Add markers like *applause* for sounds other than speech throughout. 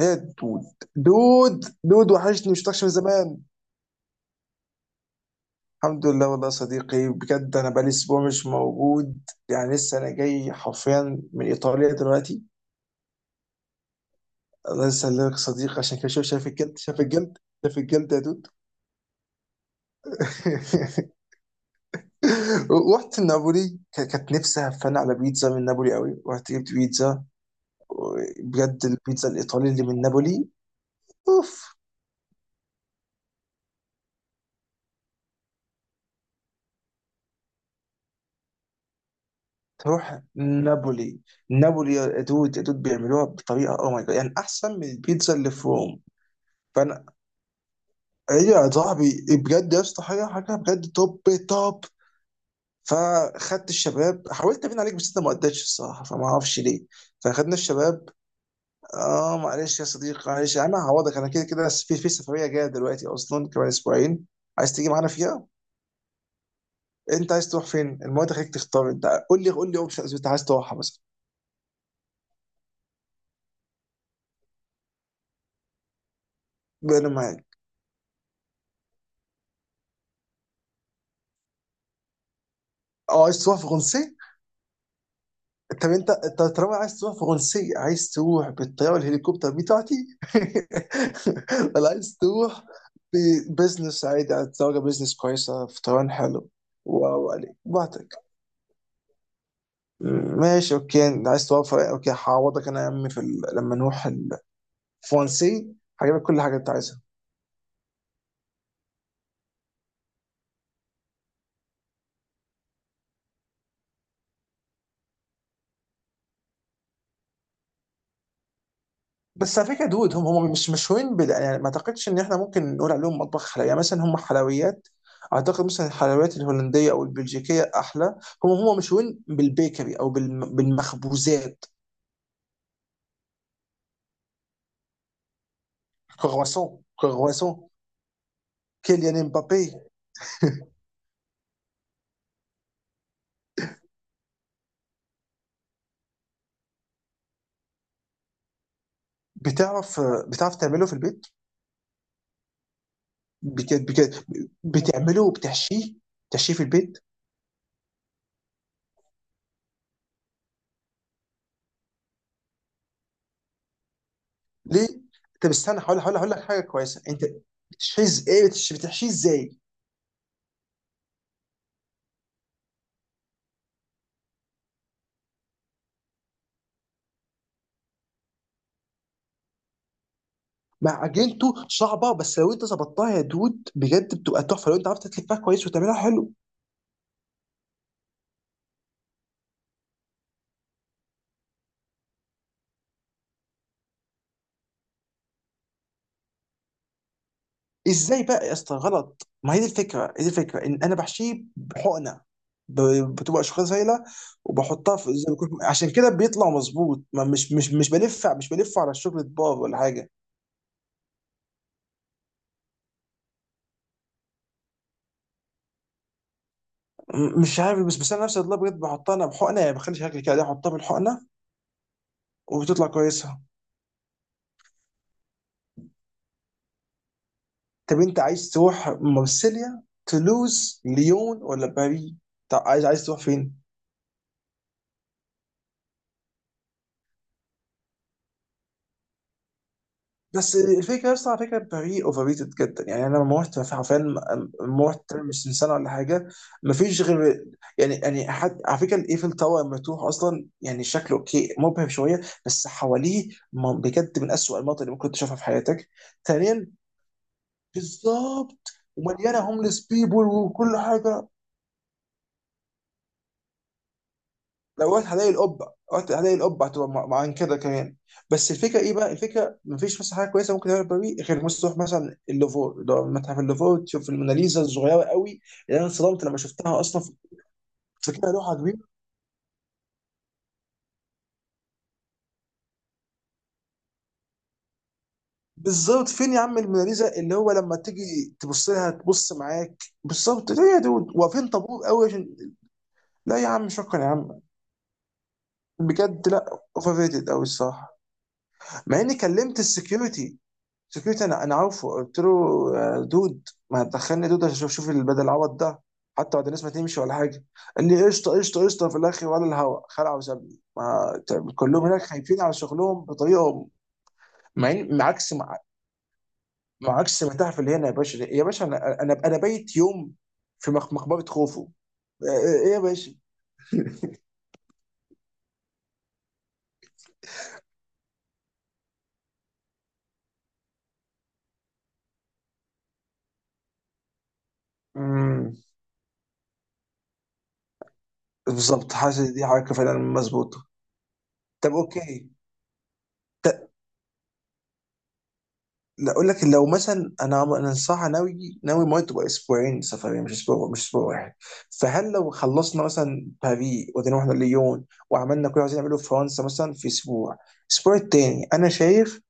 ايه دود دود دود وحشني، مش شفتكش من زمان. الحمد لله والله يا صديقي، بجد انا بقالي اسبوع مش موجود. يعني لسه انا جاي حرفيا من ايطاليا دلوقتي. الله يسلمك يا صديقي، عشان كده شوف، شايف الجلد، شايف الجلد، شايف الجلد يا دود؟ *laughs* رحت نابولي، كانت نفسي هفان على بيتزا من نابولي قوي، رحت جبت بيتزا. بجد البيتزا الايطالي اللي من نابولي، اوف. تروح نابولي، نابولي يا دود، يا دود بيعملوها بطريقه او ماي جاد، يعني احسن من البيتزا اللي في روم. فانا، هي يا صاحبي بجد يا اسطى حاجه، حاجه بجد توب، توب. فخدت الشباب، حاولت ابين عليك بس انت ما قدرتش الصراحه، فما اعرفش ليه. فخدنا الشباب. اه معلش يا صديقي، معلش انا هعوضك، انا كده كده في سفريه جايه دلوقتي اصلا كمان اسبوعين. عايز تيجي معانا فيها؟ انت عايز تروح فين؟ المواد خليك تختار انت، قول لي، قول لي اوبشنز انت عايز تروحها مثلا. انا معاك. اه عايز تروح فرنسا؟ طب انت طالما عايز تروح فرنسية، عايز تروح بالطيارة الهليكوبتر بتاعتي *laughs* ولا عايز تروح ببزنس عادي على الطيارة؟ بزنس كويسة، فطران حلو. واو، عليك براحتك. ماشي اوكي، عايز توفر، اوكي هعوضك انا يا عمي في ال... لما نروح. الفرنسي، هجيب لك كل حاجة انت عايزها. بس على فكره دود، هم مش مشهورين بال... يعني ما اعتقدش ان احنا ممكن نقول عليهم مطبخ حلويات يعني، مثلا هم حلويات. اعتقد مثلا الحلويات الهولنديه او البلجيكيه احلى. هم مشهورين بالبيكري او بالم... بالمخبوزات. كرواسون، كرواسون. كيليان مبابي. بتعرف، بتعرف تعمله في البيت؟ بك... بك... بتعمله وبتحشيه؟ بتحشيه في البيت؟ ليه؟ طب استنى، هقول لك حاجه كويسه انت. بتحشيه ايه، بتحشيه، بتحشيه ازاي؟ مع اجنته صعبه، بس لو انت ظبطتها يا دود بجد بتبقى تحفه، لو انت عرفت تلفها كويس وتعملها حلو. ازاي بقى يا اسطى غلط؟ ما هي دي الفكره، هي دي الفكره، ان انا بحشيه بحقنه. بتبقى اشخاص سايله، وبحطها في زي ما يكون، عشان كده بيطلع مظبوط، ما مش بلف، مش بلف على الشوكليت بار ولا حاجه. مش عارف، بس بس انا نفسي والله بجد بحطها انا بحقنه يعني، بخلي شكل كده، احطها بالحقنه وبتطلع كويسه. طب انت عايز تروح مارسيليا، تولوز، ليون، ولا باريس؟ طب عايز، تروح فين؟ بس الفكره، بس على فكره باريس اوفر ريتد جدا. يعني انا لما رحت حرفيا، لما رحت مش من سنه ولا حاجه، ما فيش غير يعني، يعني حد على فكره الايفل تاور، لما تروح اصلا يعني شكله اوكي، مبهر شويه، بس حواليه بجد من اسوء المناطق اللي ممكن تشوفها في حياتك. ثانيا، بالظبط، ومليانه هوملس بيبول وكل حاجه. لو رحت هلاقي القبه، رحت هلاقي القبه هتبقى مع كده كمان. بس الفكره ايه بقى؟ الفكره مفيش مثلا حاجه كويسه ممكن تعمل باريس، غير مثلا تروح مثلا اللوفر، اللي هو متحف اللوفر، تشوف الموناليزا الصغيره قوي، اللي انا اتصدمت لما شفتها اصلا. كنت فاكرها لوحه كبيره بالظبط. فين يا عم الموناليزا؟ اللي هو لما تيجي تبص لها تبص معاك بالظبط. ليه يا دود واقفين طابور قوي عشان؟ لا يا عم، شكرا يا عم، بجد لا، اوفر ريتد قوي الصراحه. مع اني كلمت السكيورتي، سكيورتي، انا عارفه قلت له دود ما هتدخلني دود عشان اشوف، شوف بدل العوض ده، حتى بعد الناس ما تمشي ولا حاجه. قال لي قشطه قشطه، قشطه في الاخر، ولا الهوا خلع وسابني. ما طب كلهم هناك خايفين على شغلهم بطريقه. مع إن- مع عكس مع, مع عكس ما تعرف اللي هنا يا باشا، يا باشا انا بايت يوم في مقبره خوفو. ايه يا باشا؟ *laughs* امم، بالظبط، حاسس دي حركه فعلا مظبوطه. طب اوكي، لا اقول لك، لو مثلا انا انا صح ناوي، ما تبقى اسبوعين سفريه مش اسبوع، مش اسبوع واحد. فهل لو خلصنا مثلا باريس ودينا واحنا ليون، وعملنا كل اللي عايزين نعمله في فرنسا مثلا في اسبوع، الاسبوع التاني انا شايف،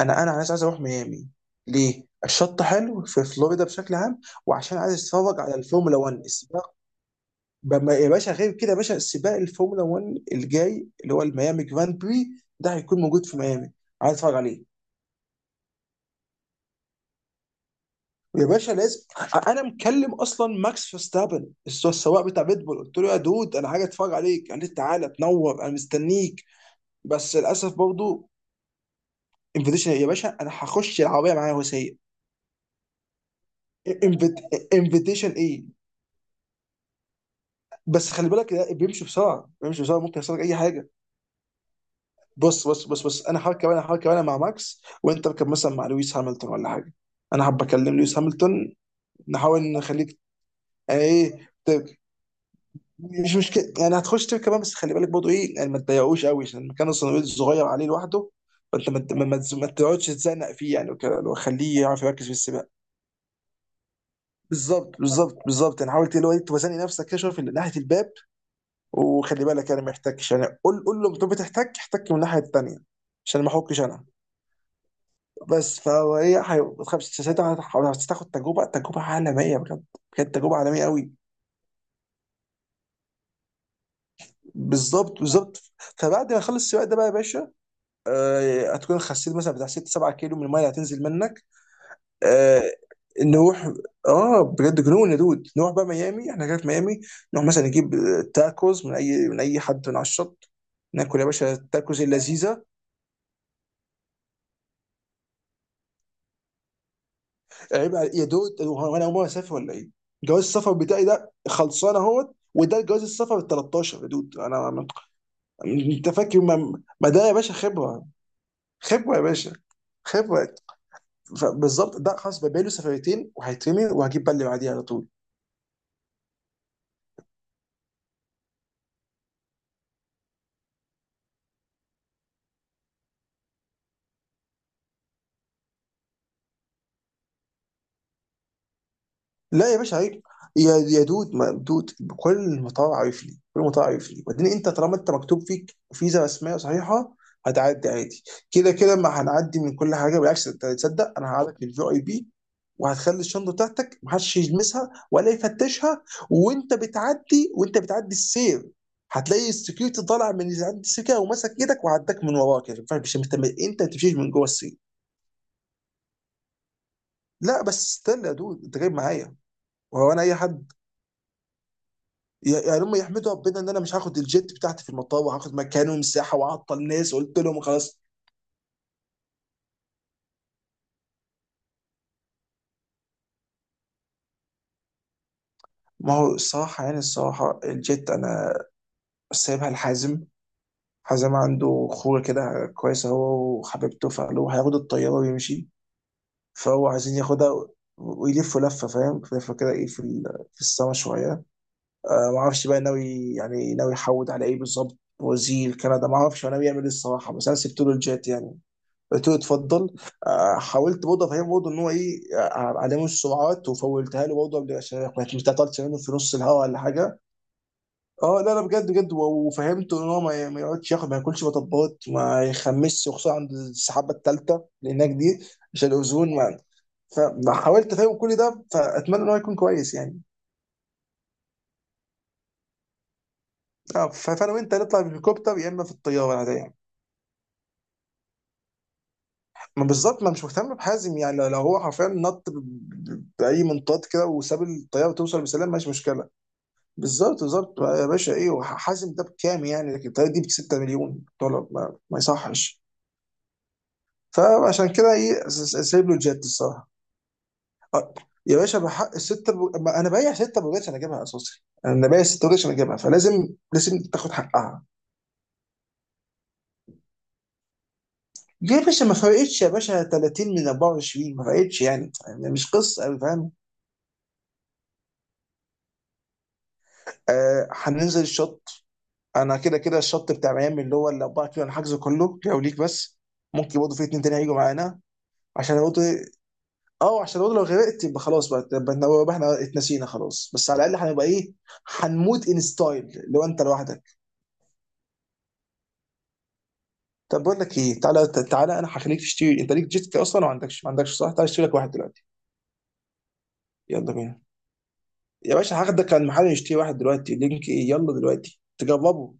انا عايز، اروح ميامي. ليه؟ الشط حلو في فلوريدا بشكل عام، وعشان عايز اتفرج على الفورمولا 1 السباق. يا باشا غير كده، يا باشا سباق الفورمولا 1 الجاي اللي هو الميامي جراند بري، ده هيكون موجود في ميامي، عايز اتفرج عليه. يا باشا لازم، انا مكلم اصلا ماكس فيرستابن السواق بتاع ريد بول، قلت له يا دود انا حاجه اتفرج عليك، قال لي تعالى تنور انا مستنيك. بس للاسف برضه انفيتيشن، يا باشا انا هخش العربيه معايا وسيء. انفيتيشن ايه؟ بس خلي بالك ده بيمشي بسرعه، بيمشي بسرعه ممكن يحصل لك اي حاجه. بص بص بص بص، انا هركب انا مع ماكس، وانت اركب مثلا مع لويس هامilton ولا حاجه. انا حابب اكلم لويس هامilton. نحاول نخليك. ايه ت- مش مشكلة يعني، هتخش تبكي كمان. بس خلي بالك برضه ايه يعني، ما تضايقوش قوي عشان المكان الصغير، الصغير عليه لوحده. فانت ما تقعدش تتزنق فيه يعني وكده، لو خليه يعرف يركز في السباق. بالظبط، بالظبط، بالظبط، يعني حاول اللي هو توازني نفسك كده شويه في ناحيه الباب. وخلي بالك يعني ما يحتكش، يعني قول، قول له انت بتحتك، احتك من الناحيه الثانيه، عشان ما احكش انا. بس فهو ايه، ما تخافش ساعتها، هتاخد تجربه، تجربه عالميه بجد، بجد تجربه عالميه قوي. بالظبط، بالظبط. فبعد ما اخلص السباق ده بقى يا باشا، هتكون خسيت مثلا بتاع 6 7 كيلو من الميه اللي هتنزل منك. آه، نروح، اه بجد جنون يا دود، نروح بقى ميامي، احنا كده في ميامي، نروح مثلا نجيب تاكوز من اي، من اي حد من على الشط. ناكل يا باشا التاكوز اللذيذه. عيب على، يا دود هو انا اول مره اسافر ولا ايه؟ جواز السفر بتاعي ده خلصان اهوت، وده جواز السفر ال 13 يا دود. انا انت فاكر، ما ما ده يا باشا خبره، خبره يا باشا، خبره. فبالظبط ده خلاص، بقى له سفريتين وهيترمي، وهجيب بقى اللي بعديه على طول. لا يا باشا عيب، يا دود، ما دود كل مطار عارف لي، كل مطار عارف لي. وبعدين انت طالما انت مكتوب فيك فيزا رسميه صحيحه، هتعدي عادي. كده كده ما هنعدي من كل حاجه، بالعكس انت تصدق انا هقعدك في الفي اي بي، وهتخلي الشنطه بتاعتك محدش يلمسها ولا يفتشها. وانت بتعدي السير، هتلاقي السكيورتي طالع من اللي عند السكه وماسك ايدك وعداك من وراه كده، مش انت ما تمشيش من جوه السير. لا بس استنى يا دود انت جايب معايا، وهو انا اي حد؟ يعني هم يحمدوا ربنا ان انا مش هاخد الجيت بتاعتي في المطار وهاخد مكانه مساحه واعطل الناس، قلت لهم خلاص. ما هو الصراحه يعني، الصراحه الجيت انا سايبها لحازم. حازم عنده خوره كده كويسه هو وحبيبته، فقالوا هياخد الطياره ويمشي. فهو عايزين ياخدها، ويلفوا لفه، فاهم لفه كده، ايه في ال... في السما شويه. آه ما اعرفش بقى ناوي يعني، ناوي يحود على ايه بالظبط، وزير كندا ما اعرفش هو ناوي يعمل ايه الصراحه، بس انا سبت له الجيت يعني. قلت له اتفضل. حاولت برضه افهمه برضه ان هو ايه، علامه السرعات وفولتها له برضه عشان ما تعطلش منه في نص الهواء ولا حاجه. اه لا لا بجد بجد، وفهمته ان هو ما ما يقعدش ياخد، ما ياكلش مطبات، ما يخمسش، وخصوصا عند السحابه الثالثه لانها جديد عشان الاوزون ما. فحاولت افهمه كل ده، فاتمنى ان هو يكون كويس يعني. اه، فانا وانت نطلع بالهليكوبتر يا اما في الطياره العاديه. ما بالظبط، ما مش مهتم بحازم يعني، لو لو هو حرفيا نط باي منطاد كده وساب الطياره، توصل بسلام ماشي مشكله. بالظبط، بالظبط يا باشا. ايه حازم ده بكام يعني، لكن الطياره دي ب 6 مليون دولار ما يصحش. فعشان كده ايه، سايب له الجت الصراحه. آه، يا باشا بحق الستة ما انا بايع ستة بوجات عشان اجيبها اساسي، انا بايع ستة بوجات عشان اجيبها، فلازم، لازم تاخد حقها. ليه يا باشا ما فرقتش؟ يا باشا 30 من 24 ما فرقتش يعني، يعني مش قصه أوي، فاهم. آه هننزل الشط، انا كده كده الشط بتاع ميامي اللي هو الاربعه كيلو انا حاجزه كله لو ليك بس. ممكن برضه في اتنين تاني هيجوا معانا، عشان برضه اه عشان برضه لو غرقت يبقى خلاص بقى، يبقى يبقى احنا اتنسينا خلاص، بس على الاقل هنبقى ايه، هنموت ان ستايل. لو انت لوحدك، طب بقول لك ايه، تعالى انا هخليك تشتري، انت ليك جيت كي اصلا، ولا ما عندكش، ما عندكش صح؟ تعالى اشتري لك واحد دلوقتي. يلا بينا، يا باشا هاخدك على المحل نشتري واحد دلوقتي، لينك ايه، يلا دلوقتي تجربه.